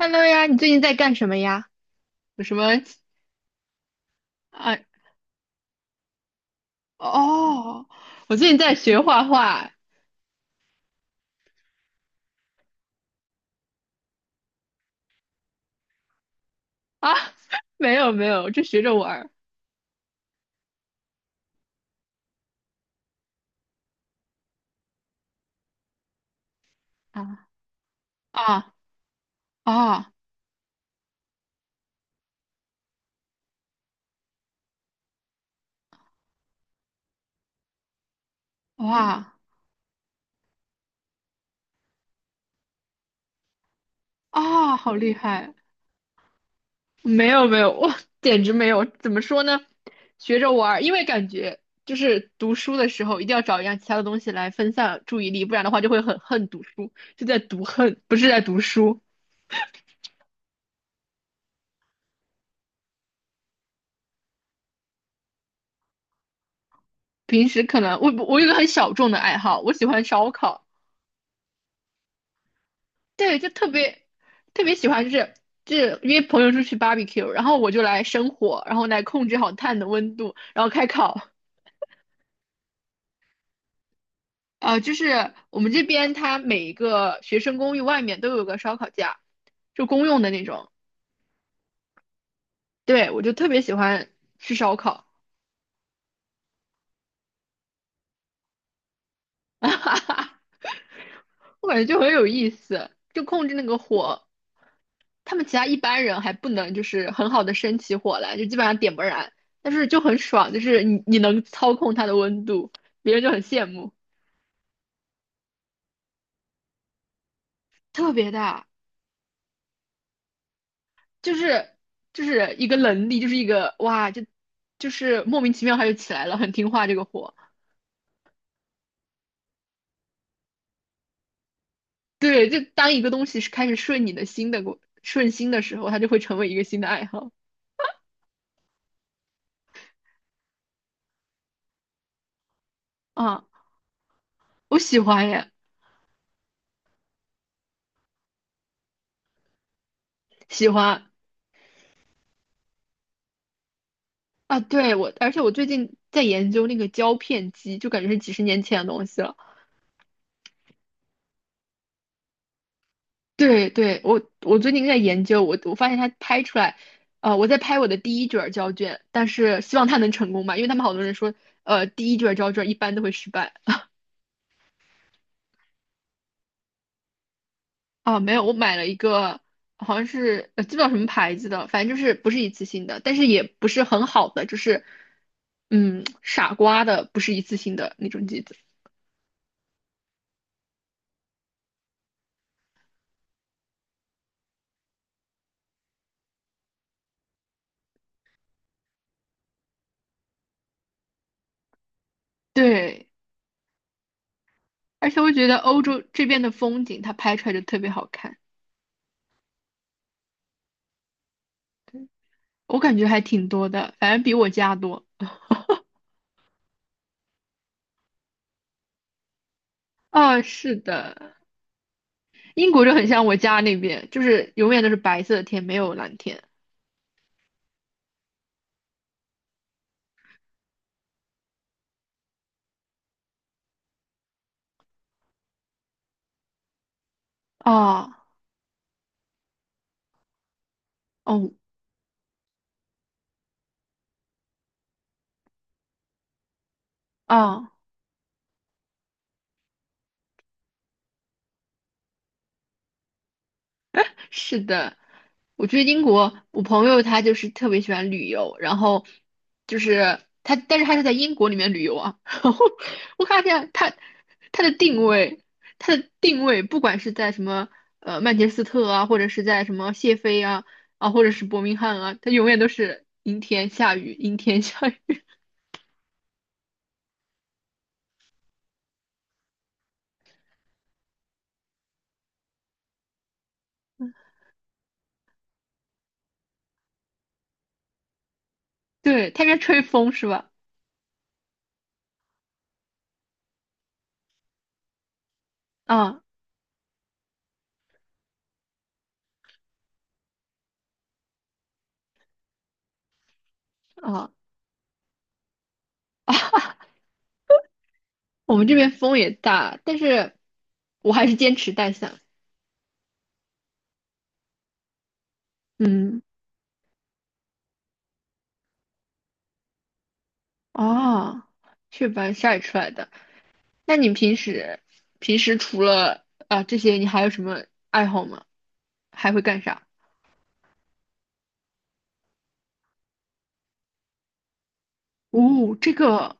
Hello 呀，你最近在干什么呀？有什么啊？哦，我最近在学画画啊，没有没有，就学着玩儿啊，啊啊哇啊，好厉害！没有没有，我简直没有。怎么说呢？学着玩儿，因为感觉就是读书的时候一定要找一样其他的东西来分散注意力，不然的话就会很恨读书，就在读恨，不是在读书。平时可能我有一个很小众的爱好，我喜欢烧烤。对，就特别特别喜欢，就是约朋友出去 barbecue，然后我就来生火，然后来控制好炭的温度，然后开烤。啊，就是我们这边它每一个学生公寓外面都有个烧烤架，就公用的那种。对，我就特别喜欢吃烧烤，我感觉就很有意思，就控制那个火。他们其他一般人还不能就是很好的生起火来，就基本上点不燃，但是就很爽，就是你能操控它的温度，别人就很羡慕。特别大，就是就是一个能力，就是一个哇，就是莫名其妙它就起来了，很听话这个火。对，就当一个东西是开始顺你的心的过顺心的时候，它就会成为一个新的爱好啊，我喜欢耶，喜欢啊，对我，而且我最近在研究那个胶片机，就感觉是几十年前的东西了。对对，我最近在研究，我发现它拍出来，我在拍我的第一卷儿胶卷，但是希望它能成功吧，因为他们好多人说，第一卷儿胶卷一般都会失败啊，没有，我买了一个好像是记不到什么牌子的，反正就是不是一次性的，但是也不是很好的，就是傻瓜的，不是一次性的那种机子。对，而且我觉得欧洲这边的风景，它拍出来就特别好看，我感觉还挺多的，反正比我家多。啊，是的。英国就很像我家那边，就是永远都是白色的天，没有蓝天。啊，哦啊，是的，我觉得英国，我朋友他就是特别喜欢旅游，然后就是他，但是他是在英国里面旅游啊。然后我看见他的定位，他的定位，不管是在什么曼彻斯特啊，或者是在什么谢菲啊啊，或者是伯明翰啊，他永远都是阴天下雨，阴天下雨。对，他应该吹风是吧？啊啊。我们这边风也大，但是我还是坚持带伞。嗯，哦，雀斑晒出来的。那你平时除了这些，你还有什么爱好吗？还会干啥？哦，这个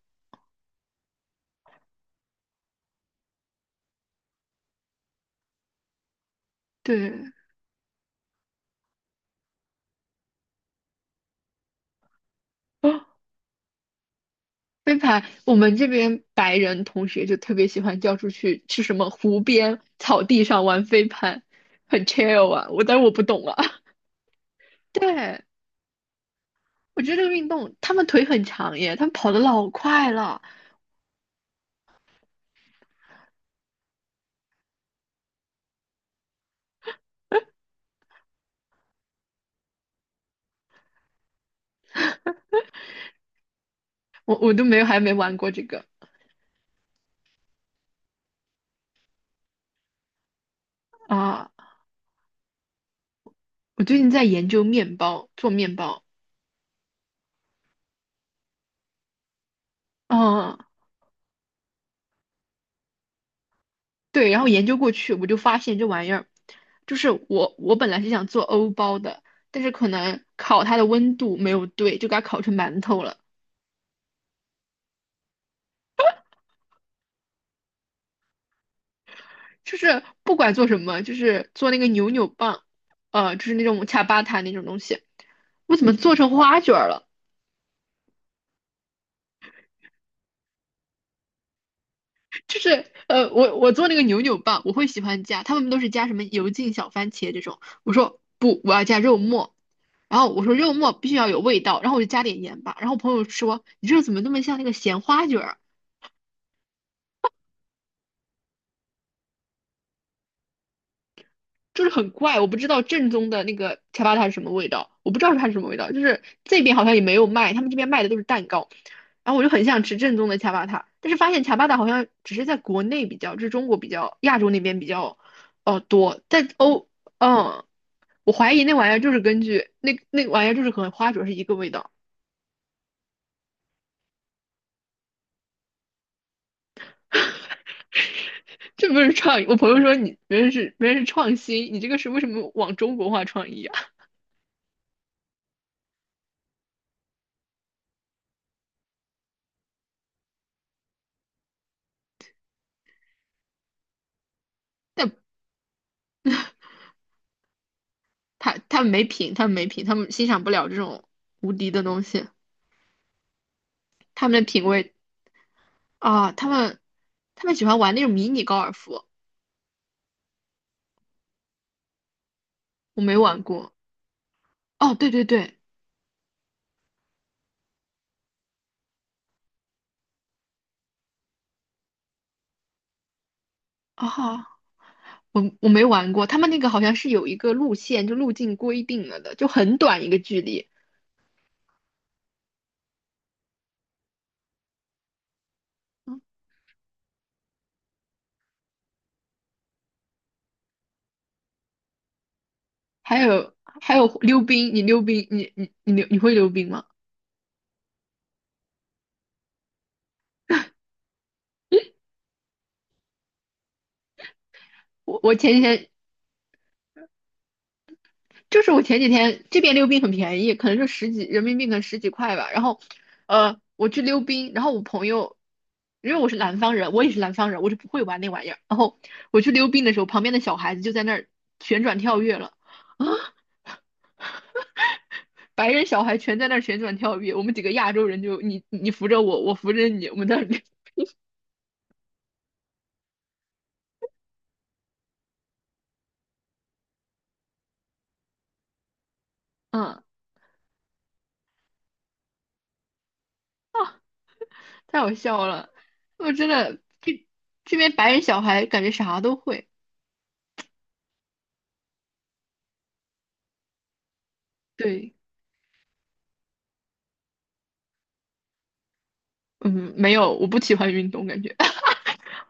对，哦，飞盘。我们这边白人同学就特别喜欢叫出去去什么湖边草地上玩飞盘，很 chill 啊。但是我不懂啊。对，我觉得这个运动，他们腿很长耶，他们跑的老快了。我都没有还没玩过这个啊。我最近在研究面包，做面包。啊，对，然后研究过去，我就发现这玩意儿，就是我本来是想做欧包的，但是可能烤它的温度没有对，就给它烤成馒头了。就是不管做什么，就是做那个扭扭棒，就是那种恰巴塔那种东西，我怎么做成花卷儿了？就是我做那个扭扭棒，我会喜欢加，他们都是加什么油浸小番茄这种。我说不，我要加肉末。然后我说肉末必须要有味道，然后我就加点盐吧。然后我朋友说你这怎么那么像那个咸花卷儿？就是很怪，我不知道正宗的那个恰巴塔是什么味道，我不知道它是什么味道，就是这边好像也没有卖，他们这边卖的都是蛋糕，然后我就很想吃正宗的恰巴塔，但是发现恰巴塔好像只是在国内比较，就是中国比较，亚洲那边比较，哦多，在欧，嗯，我怀疑那玩意儿就是根据那玩意儿就是和花灼是一个味道，这不是创意，我朋友说你别人是创新，你这个是为什么往中国化创意啊？但他们没品，他们没品，他们欣赏不了这种无敌的东西。他们的品味啊，他们喜欢玩那种迷你高尔夫，我没玩过。哦，对对对，啊，我没玩过。他们那个好像是有一个路线，就路径规定了的，就很短一个距离。嗯还有还有溜冰，你溜冰，你会溜冰吗？我我前几天我前几天这边溜冰很便宜，可能就十几人民币，可能十几块吧。然后，我去溜冰，然后我朋友，因为我是南方人，我也是南方人，我就不会玩那玩意儿。然后我去溜冰的时候，旁边的小孩子就在那儿旋转跳跃了，啊，白人小孩全在那儿旋转跳跃，我们几个亚洲人就你扶着我，我扶着你，我们在那里，嗯啊，太好笑了，我真的这边白人小孩感觉啥都会，对，嗯，没有，我不喜欢运动，感觉。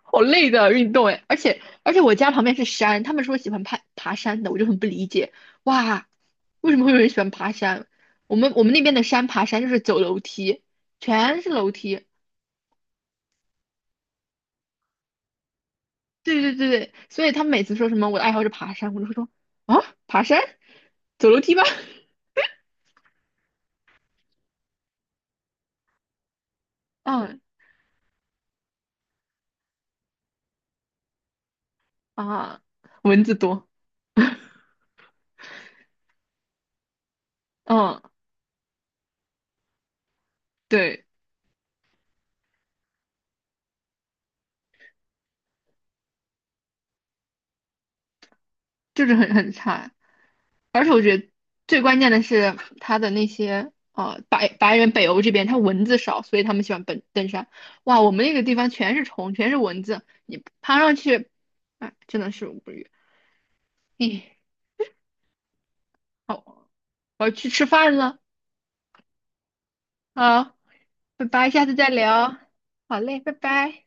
好累的运动哎，而且我家旁边是山，他们说喜欢爬爬山的，我就很不理解，哇，为什么会有人喜欢爬山？我们那边的山爬山就是走楼梯，全是楼梯，对对对对，所以他们每次说什么我的爱好是爬山，我就会说啊，爬山，走楼梯吧，嗯啊，蚊子多，嗯，对，就是很差。最关键的是它的那些白人北欧这边，它蚊子少，所以他们喜欢奔登山。哇，我们那个地方全是虫，全是蚊子，你爬上去，哎，真的是无语。哎，好，我要去吃饭了，好，拜拜，下次再聊。好嘞，拜拜。